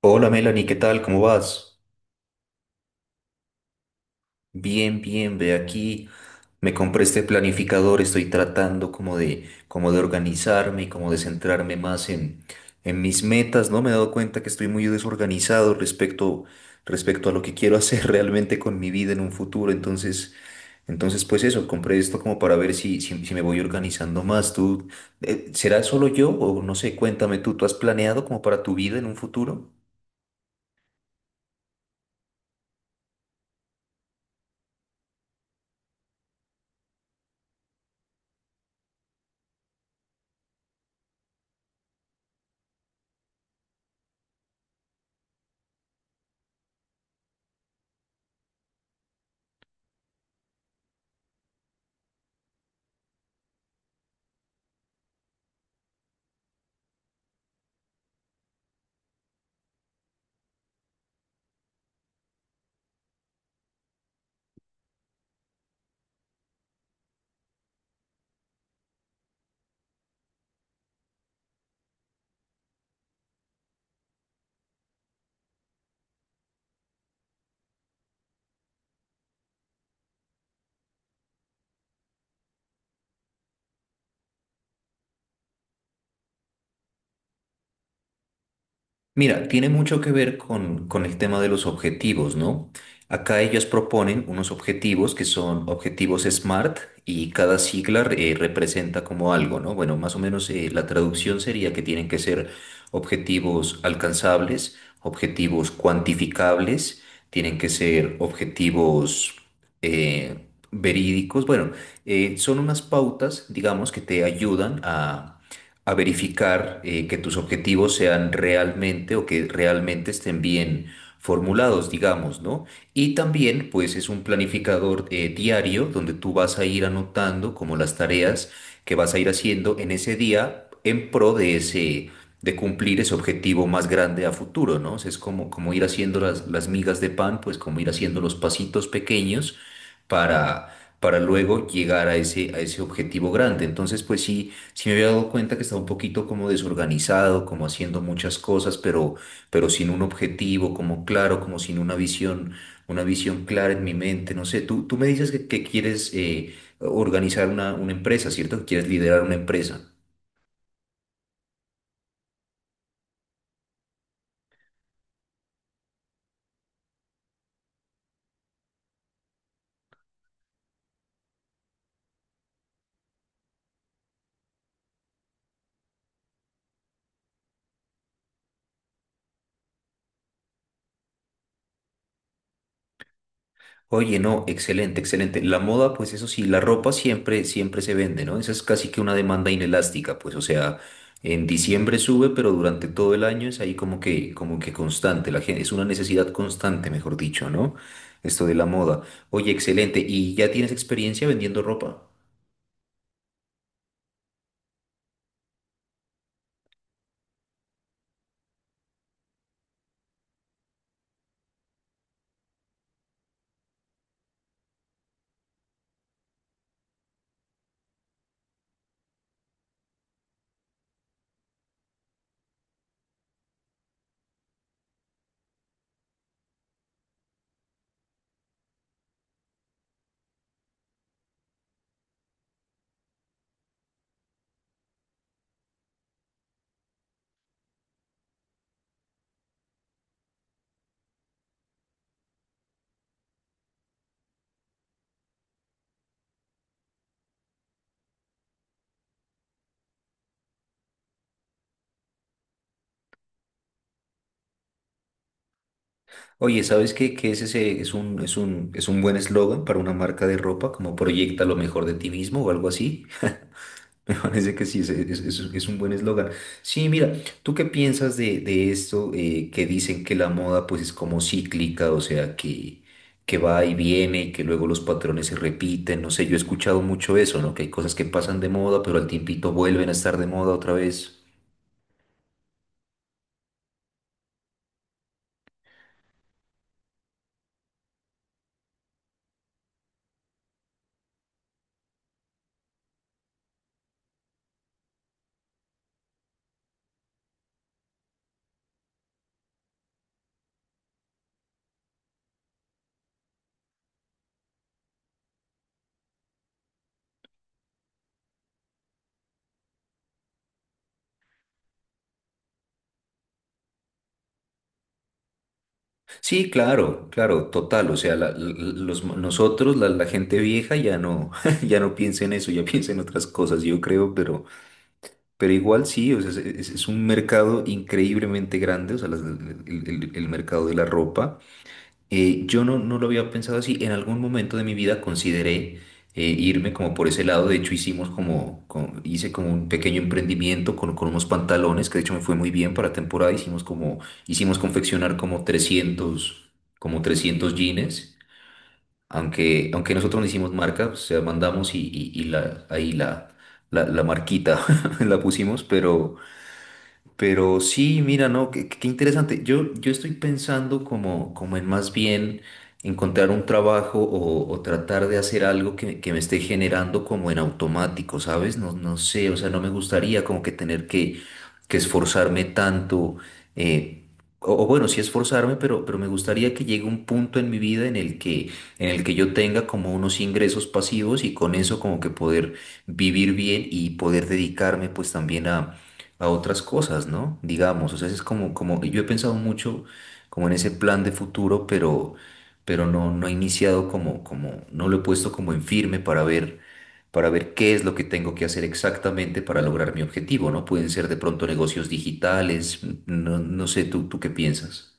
Hola Melanie, ¿qué tal? ¿Cómo vas? Bien, bien, ve aquí. Me compré este planificador, estoy tratando como de organizarme y como de centrarme más en mis metas, ¿no? Me he dado cuenta que estoy muy desorganizado respecto a lo que quiero hacer realmente con mi vida en un futuro. Entonces pues eso, compré esto como para ver si me voy organizando más. ¿Tú, será solo yo o no sé? Cuéntame tú, ¿tú has planeado como para tu vida en un futuro? Mira, tiene mucho que ver con el tema de los objetivos, ¿no? Acá ellos proponen unos objetivos que son objetivos SMART y cada sigla representa como algo, ¿no? Bueno, más o menos la traducción sería que tienen que ser objetivos alcanzables, objetivos cuantificables, tienen que ser objetivos verídicos. Bueno, son unas pautas, digamos, que te ayudan a verificar que tus objetivos sean realmente o que realmente estén bien formulados, digamos, ¿no? Y también, pues, es un planificador diario donde tú vas a ir anotando como las tareas que vas a ir haciendo en ese día en pro de ese, de cumplir ese objetivo más grande a futuro, ¿no? O sea, es como ir haciendo las migas de pan, pues como ir haciendo los pasitos pequeños para, para luego llegar a ese, objetivo grande. Entonces, pues sí me había dado cuenta que estaba un poquito como desorganizado, como haciendo muchas cosas, pero sin un objetivo, como claro, como sin una visión clara en mi mente. No sé, tú me dices que quieres organizar una empresa, ¿cierto? Que quieres liderar una empresa. Oye, no, excelente, excelente. La moda, pues eso sí, la ropa siempre, siempre se vende, ¿no? Esa es casi que una demanda inelástica, pues, o sea, en diciembre sube, pero durante todo el año es ahí como que constante, la gente, es una necesidad constante, mejor dicho, ¿no? Esto de la moda. Oye, excelente. ¿Y ya tienes experiencia vendiendo ropa? Oye, ¿sabes qué? Que es ese es un, es un, es un buen eslogan para una marca de ropa, como proyecta lo mejor de ti mismo o algo así. Me parece que sí, es un buen eslogan. Sí, mira, ¿tú qué piensas de esto que dicen que la moda pues es como cíclica, o sea, que va y viene y que luego los patrones se repiten? No sé, yo he escuchado mucho eso, ¿no? Que hay cosas que pasan de moda, pero al tiempito vuelven a estar de moda otra vez. Sí, claro, claro, total. O sea, los, nosotros, la gente vieja, ya no, ya no piensa en eso, ya piensa en otras cosas, yo creo, pero. Pero igual sí, o sea, es un mercado increíblemente grande, o sea, el mercado de la ropa. Yo no lo había pensado así. En algún momento de mi vida consideré irme como por ese lado. De hecho, hice como un pequeño emprendimiento con unos pantalones, que de hecho me fue muy bien para temporada. Hicimos confeccionar como 300 jeans. Aunque nosotros no hicimos marca, o sea, mandamos y ahí la marquita la pusimos, pero. Pero sí, mira, no, qué interesante. Yo estoy pensando como en más bien encontrar un trabajo o tratar de hacer algo que me esté generando como en automático, ¿sabes? No sé, o sea, no me gustaría como que tener que esforzarme tanto, eh, o bueno, sí esforzarme, pero me gustaría que llegue un punto en mi vida en el que yo tenga como unos ingresos pasivos y con eso como que poder vivir bien y poder dedicarme pues también a otras cosas, ¿no? Digamos, o sea, es como, yo he pensado mucho como en ese plan de futuro, pero no he iniciado como, no lo he puesto como en firme para ver, qué es lo que tengo que hacer exactamente para lograr mi objetivo, ¿no? Pueden ser de pronto negocios digitales, no sé, ¿tú qué piensas?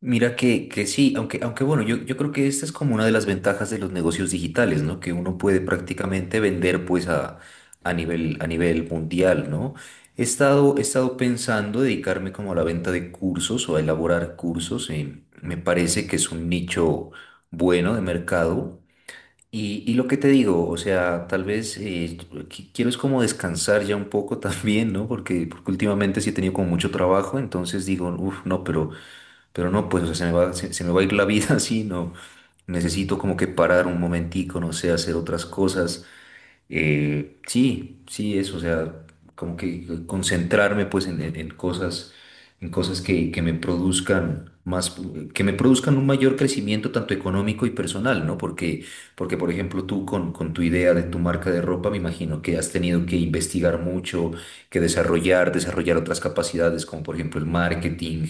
Mira que sí, aunque bueno, yo creo que esta es como una de las ventajas de los negocios digitales, ¿no? Que uno puede prácticamente vender pues a nivel mundial, ¿no? He estado pensando dedicarme como a la venta de cursos o a elaborar cursos. Me parece que es un nicho bueno de mercado. Y lo que te digo, o sea, tal vez quiero es como descansar ya un poco también, ¿no? Porque últimamente sí he tenido como mucho trabajo, entonces digo, uff, no, pero. Pero no, pues, o sea, se me va a ir la vida así, ¿no? Necesito como que parar un momentico, no sé, hacer otras cosas sí, sí, eso, o sea, como que concentrarme pues en cosas, en cosas que me produzcan más, que me produzcan un mayor crecimiento tanto económico y personal, ¿no? Porque por ejemplo, tú con tu idea de tu marca de ropa, me imagino que has tenido que investigar mucho, que desarrollar otras capacidades, como por ejemplo el marketing,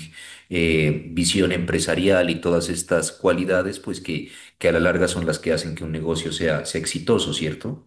visión empresarial y todas estas cualidades, pues que a la larga son las que hacen que un negocio sea exitoso, ¿cierto?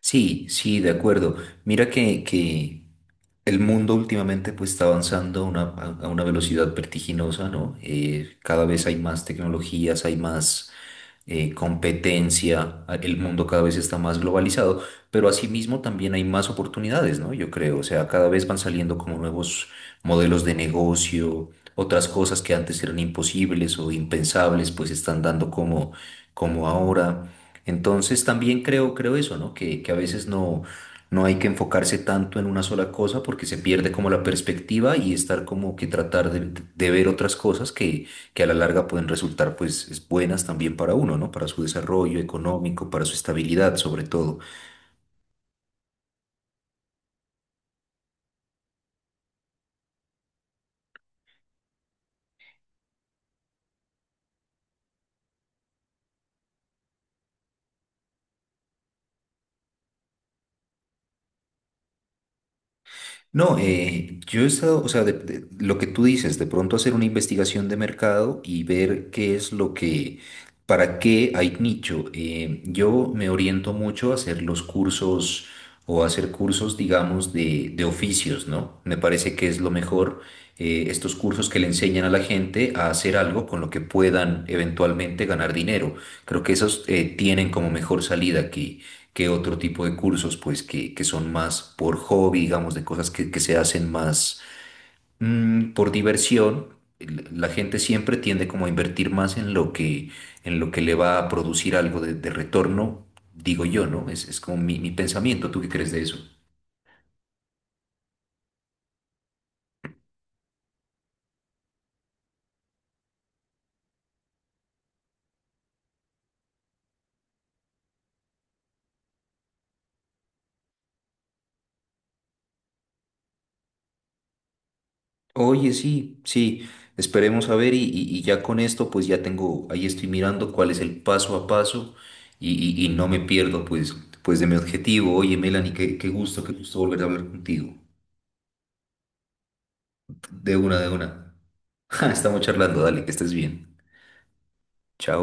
Sí, sí, de acuerdo. Mira que el mundo últimamente pues está avanzando a una velocidad vertiginosa, ¿no? Cada vez hay más tecnologías, hay más competencia, el mundo cada vez está más globalizado, pero asimismo también hay más oportunidades, ¿no? Yo creo, o sea, cada vez van saliendo como nuevos modelos de negocio, otras cosas que antes eran imposibles o impensables, pues están dando como ahora. Entonces también creo eso, ¿no? Que a veces no hay que enfocarse tanto en una sola cosa porque se pierde como la perspectiva y estar como que tratar de ver otras cosas que a la larga pueden resultar pues es buenas también para uno, ¿no? Para su desarrollo económico, para su estabilidad sobre todo. No, yo he estado, o sea, lo que tú dices, de pronto hacer una investigación de mercado y ver qué es lo que, para qué hay nicho. Yo me oriento mucho a hacer los cursos o a hacer cursos, digamos, de oficios, ¿no? Me parece que es lo mejor, estos cursos que le enseñan a la gente a hacer algo con lo que puedan eventualmente ganar dinero. Creo que esos tienen como mejor salida aquí que otro tipo de cursos, pues que son más por hobby, digamos, de cosas que se hacen más por diversión. La gente siempre tiende como a invertir más en lo que, le va a producir algo de retorno, digo yo, ¿no? Es como mi pensamiento. ¿Tú qué crees de eso? Oye, sí, sí, esperemos a ver y ya con esto pues ya tengo, ahí estoy mirando cuál es el paso a paso y no me pierdo pues, de mi objetivo. Oye, Melanie, qué gusto, qué gusto volver a hablar contigo. De una, de una. Estamos charlando, dale, que estés bien. Chao.